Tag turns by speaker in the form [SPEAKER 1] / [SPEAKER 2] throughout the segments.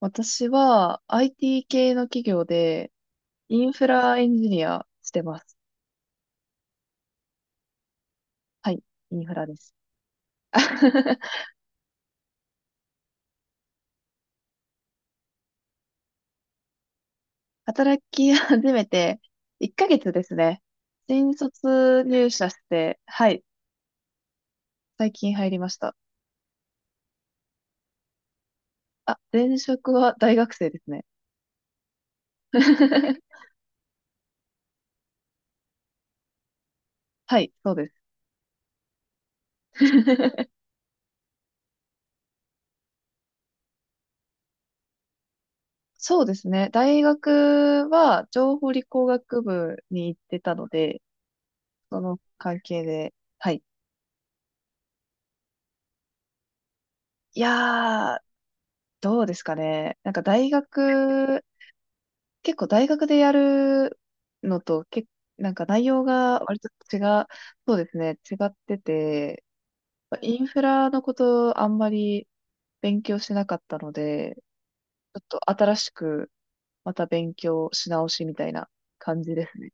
[SPEAKER 1] 私は IT 系の企業でインフラエンジニアしてます。はい、インフラです。働き始めて1ヶ月ですね。新卒入社して、はい、最近入りました。あ、前職は大学生ですね。はい、そうです。そうですね。大学は情報理工学部に行ってたので、その関係で、はい。いやー、どうですかね。なんか結構大学でやるのと、なんか内容が割と違う、そうですね、違ってて、インフラのことあんまり勉強しなかったので、ちょっと新しくまた勉強し直しみたいな感じですね。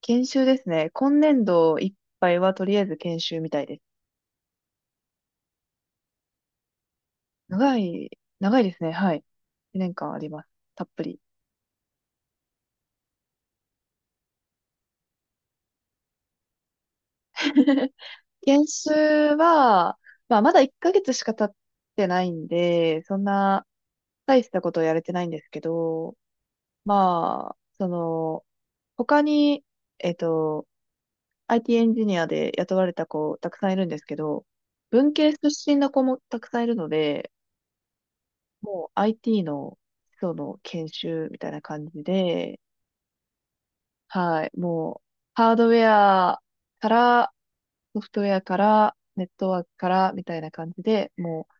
[SPEAKER 1] 研修ですね。今年度いっぱいはとりあえず研修みたいです。長い、長いですね。はい。2年間あります。たっぷり。研修は、まあ、まだ1ヶ月しか経ってないんで、そんな大したことやれてないんですけど、まあ、その、他に、えっと、IT エンジニアで雇われた子たくさんいるんですけど、文系出身の子もたくさんいるので、もう IT の基礎の研修みたいな感じで、はい、もうハードウェアからソフトウェアからネットワークからみたいな感じで、もう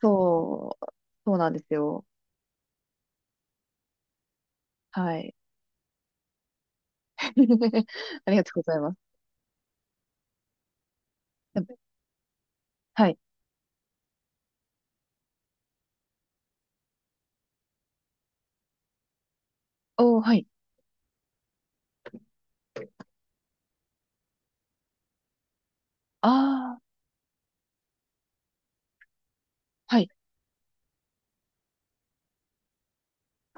[SPEAKER 1] そう、そうなんですよ。はい。ありがとうございます。やっぱはい。おー、はい。ああ、はい、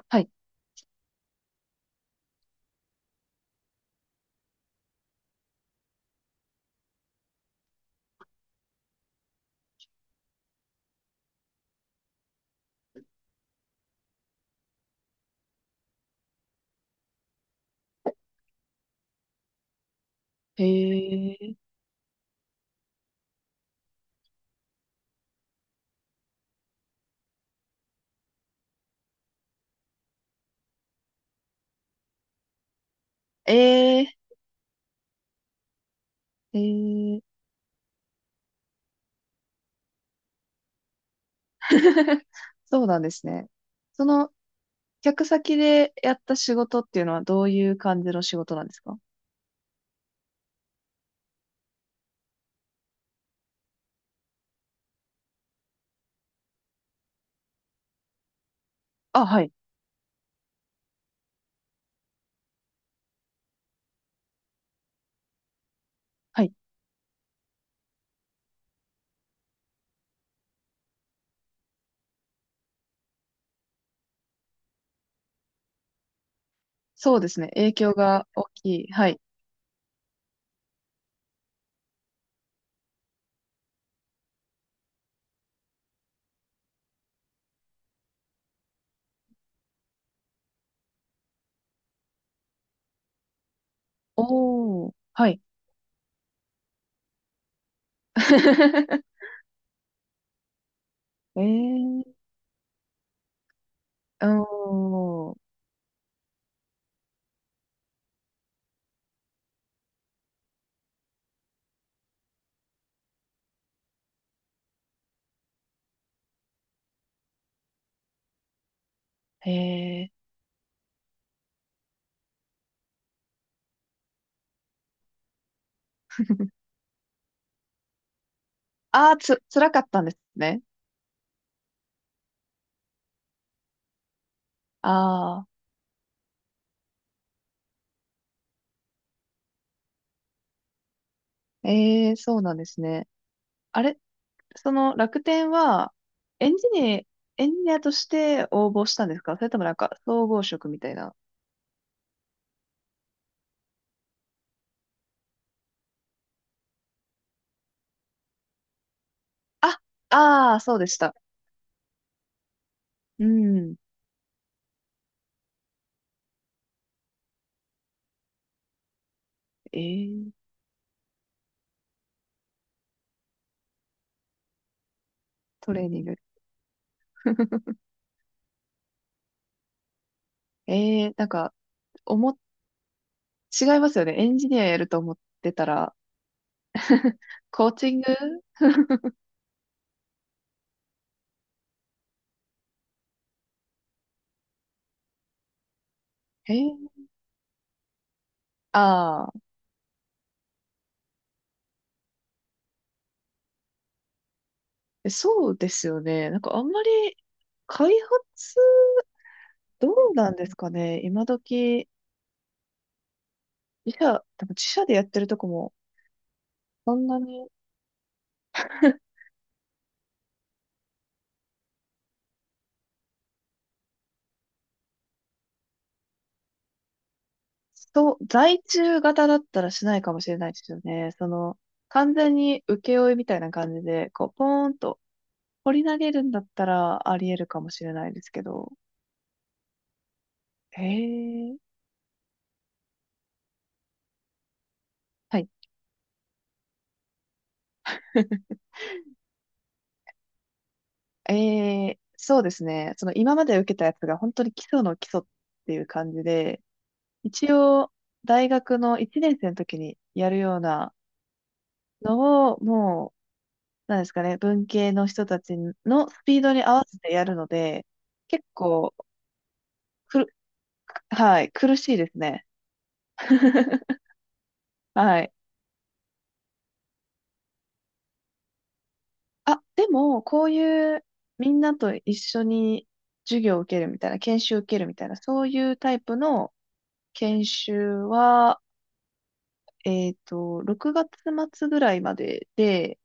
[SPEAKER 1] はい。へえ、えー、えー、そうなんですね。その、客先でやった仕事っていうのはどういう感じの仕事なんですか？あ、はい、はい。そうですね。影響が大きい。はい。おー、はい。えー、おー、へえ。ああ、辛かったんですね。ああ。ええ、そうなんですね。あれ、その楽天は、エンジニエンジニアとして応募したんですか？それともなんか、総合職みたいな。あ、ああ、そうでした。うん。ええ、トレーニング。ええ、なんか、おも、違いますよね。エンジニアやると思ってたら、コーチング。ええ。ああー、そうですよね。なんかあんまり開発、どうなんですかね。今時、多分自社でやってるとこも、そんなに。そう、在中型だったらしないかもしれないですよね。その、完全に請負みたいな感じで、こう、ポーンと掘り投げるんだったらあり得るかもしれないですけど。へえ。はい。ええ、そうですね。その、今まで受けたやつが本当に基礎の基礎っていう感じで、一応、大学の1年生の時にやるようなのを、もう、なんですかね、文系の人たちのスピードに合わせてやるので、結構、はい、苦しいですね。はい。あ、でも、こういうみんなと一緒に授業を受けるみたいな、研修を受けるみたいな、そういうタイプの研修は、6月末ぐらいまでで、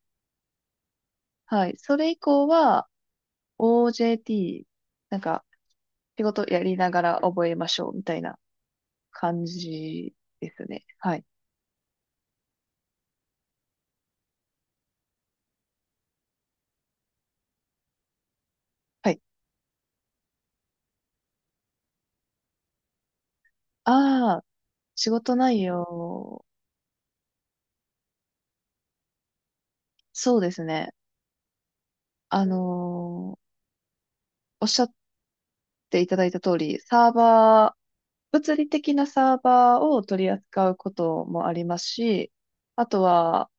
[SPEAKER 1] はい、それ以降は OJT、なんか仕事やりながら覚えましょうみたいな感じですね。はい。はい。ああ、仕事内容、そうですね。あのーおっしゃていただいた通り、サーバー、物理的なサーバーを取り扱うこともありますし、あとは、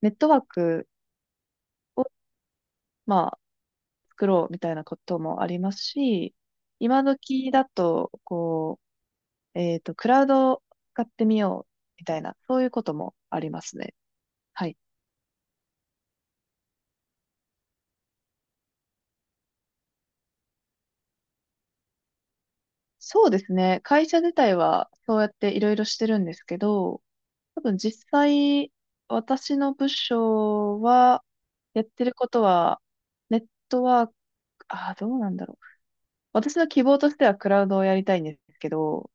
[SPEAKER 1] ネットワークを、まあ、作ろうみたいなこともありますし、今時だと、こう、クラウドを使ってみようみたいな、そういうこともありますね。はい。そうですね。会社自体はそうやっていろいろしてるんですけど、多分実際、私の部署は、やってることは、ネットワーク、ああ、どうなんだろう。私の希望としてはクラウドをやりたいんですけど、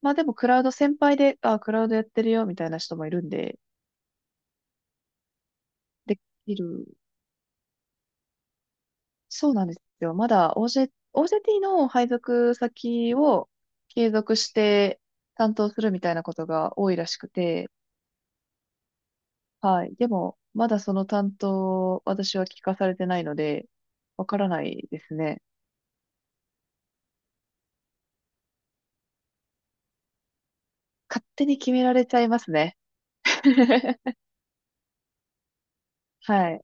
[SPEAKER 1] まあでもクラウド先輩で、ああ、クラウドやってるよ、みたいな人もいるんで、できる。そうなんですよ。まだ OJT の配属先を継続して担当するみたいなことが多いらしくて、はい。でも、まだその担当、私は聞かされてないので、わからないですね。勝手に決められちゃいますね。はい。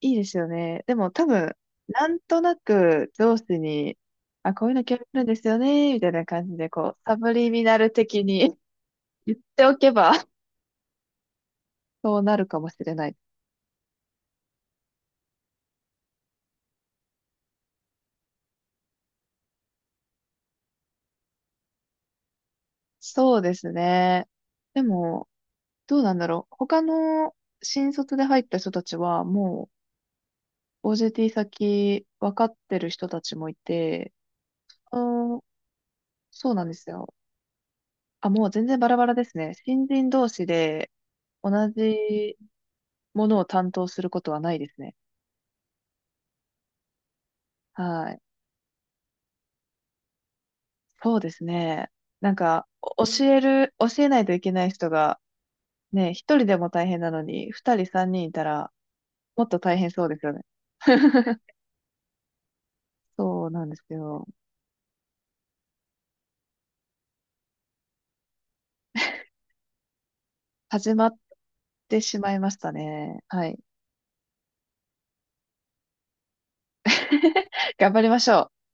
[SPEAKER 1] いいですよね。でも多分、なんとなく上司に、あ、こういうの興味あるんですよね、みたいな感じで、こう、サブリミナル的に 言っておけば、そうなるかもしれない。そうですね。でも、どうなんだろう。他の新卒で入った人たちは、もう OJT 先分かってる人たちもいて、あー、そうなんですよ。あ、もう全然バラバラですね。新人同士で同じものを担当することはないですね。はい。そうですね。なんか、お教える、教えないといけない人が、ね、一人でも大変なのに、二人三人いたら、もっと大変そうですよね。そうなんですよ。始まってしまいましたね。はい。頑張りましょう。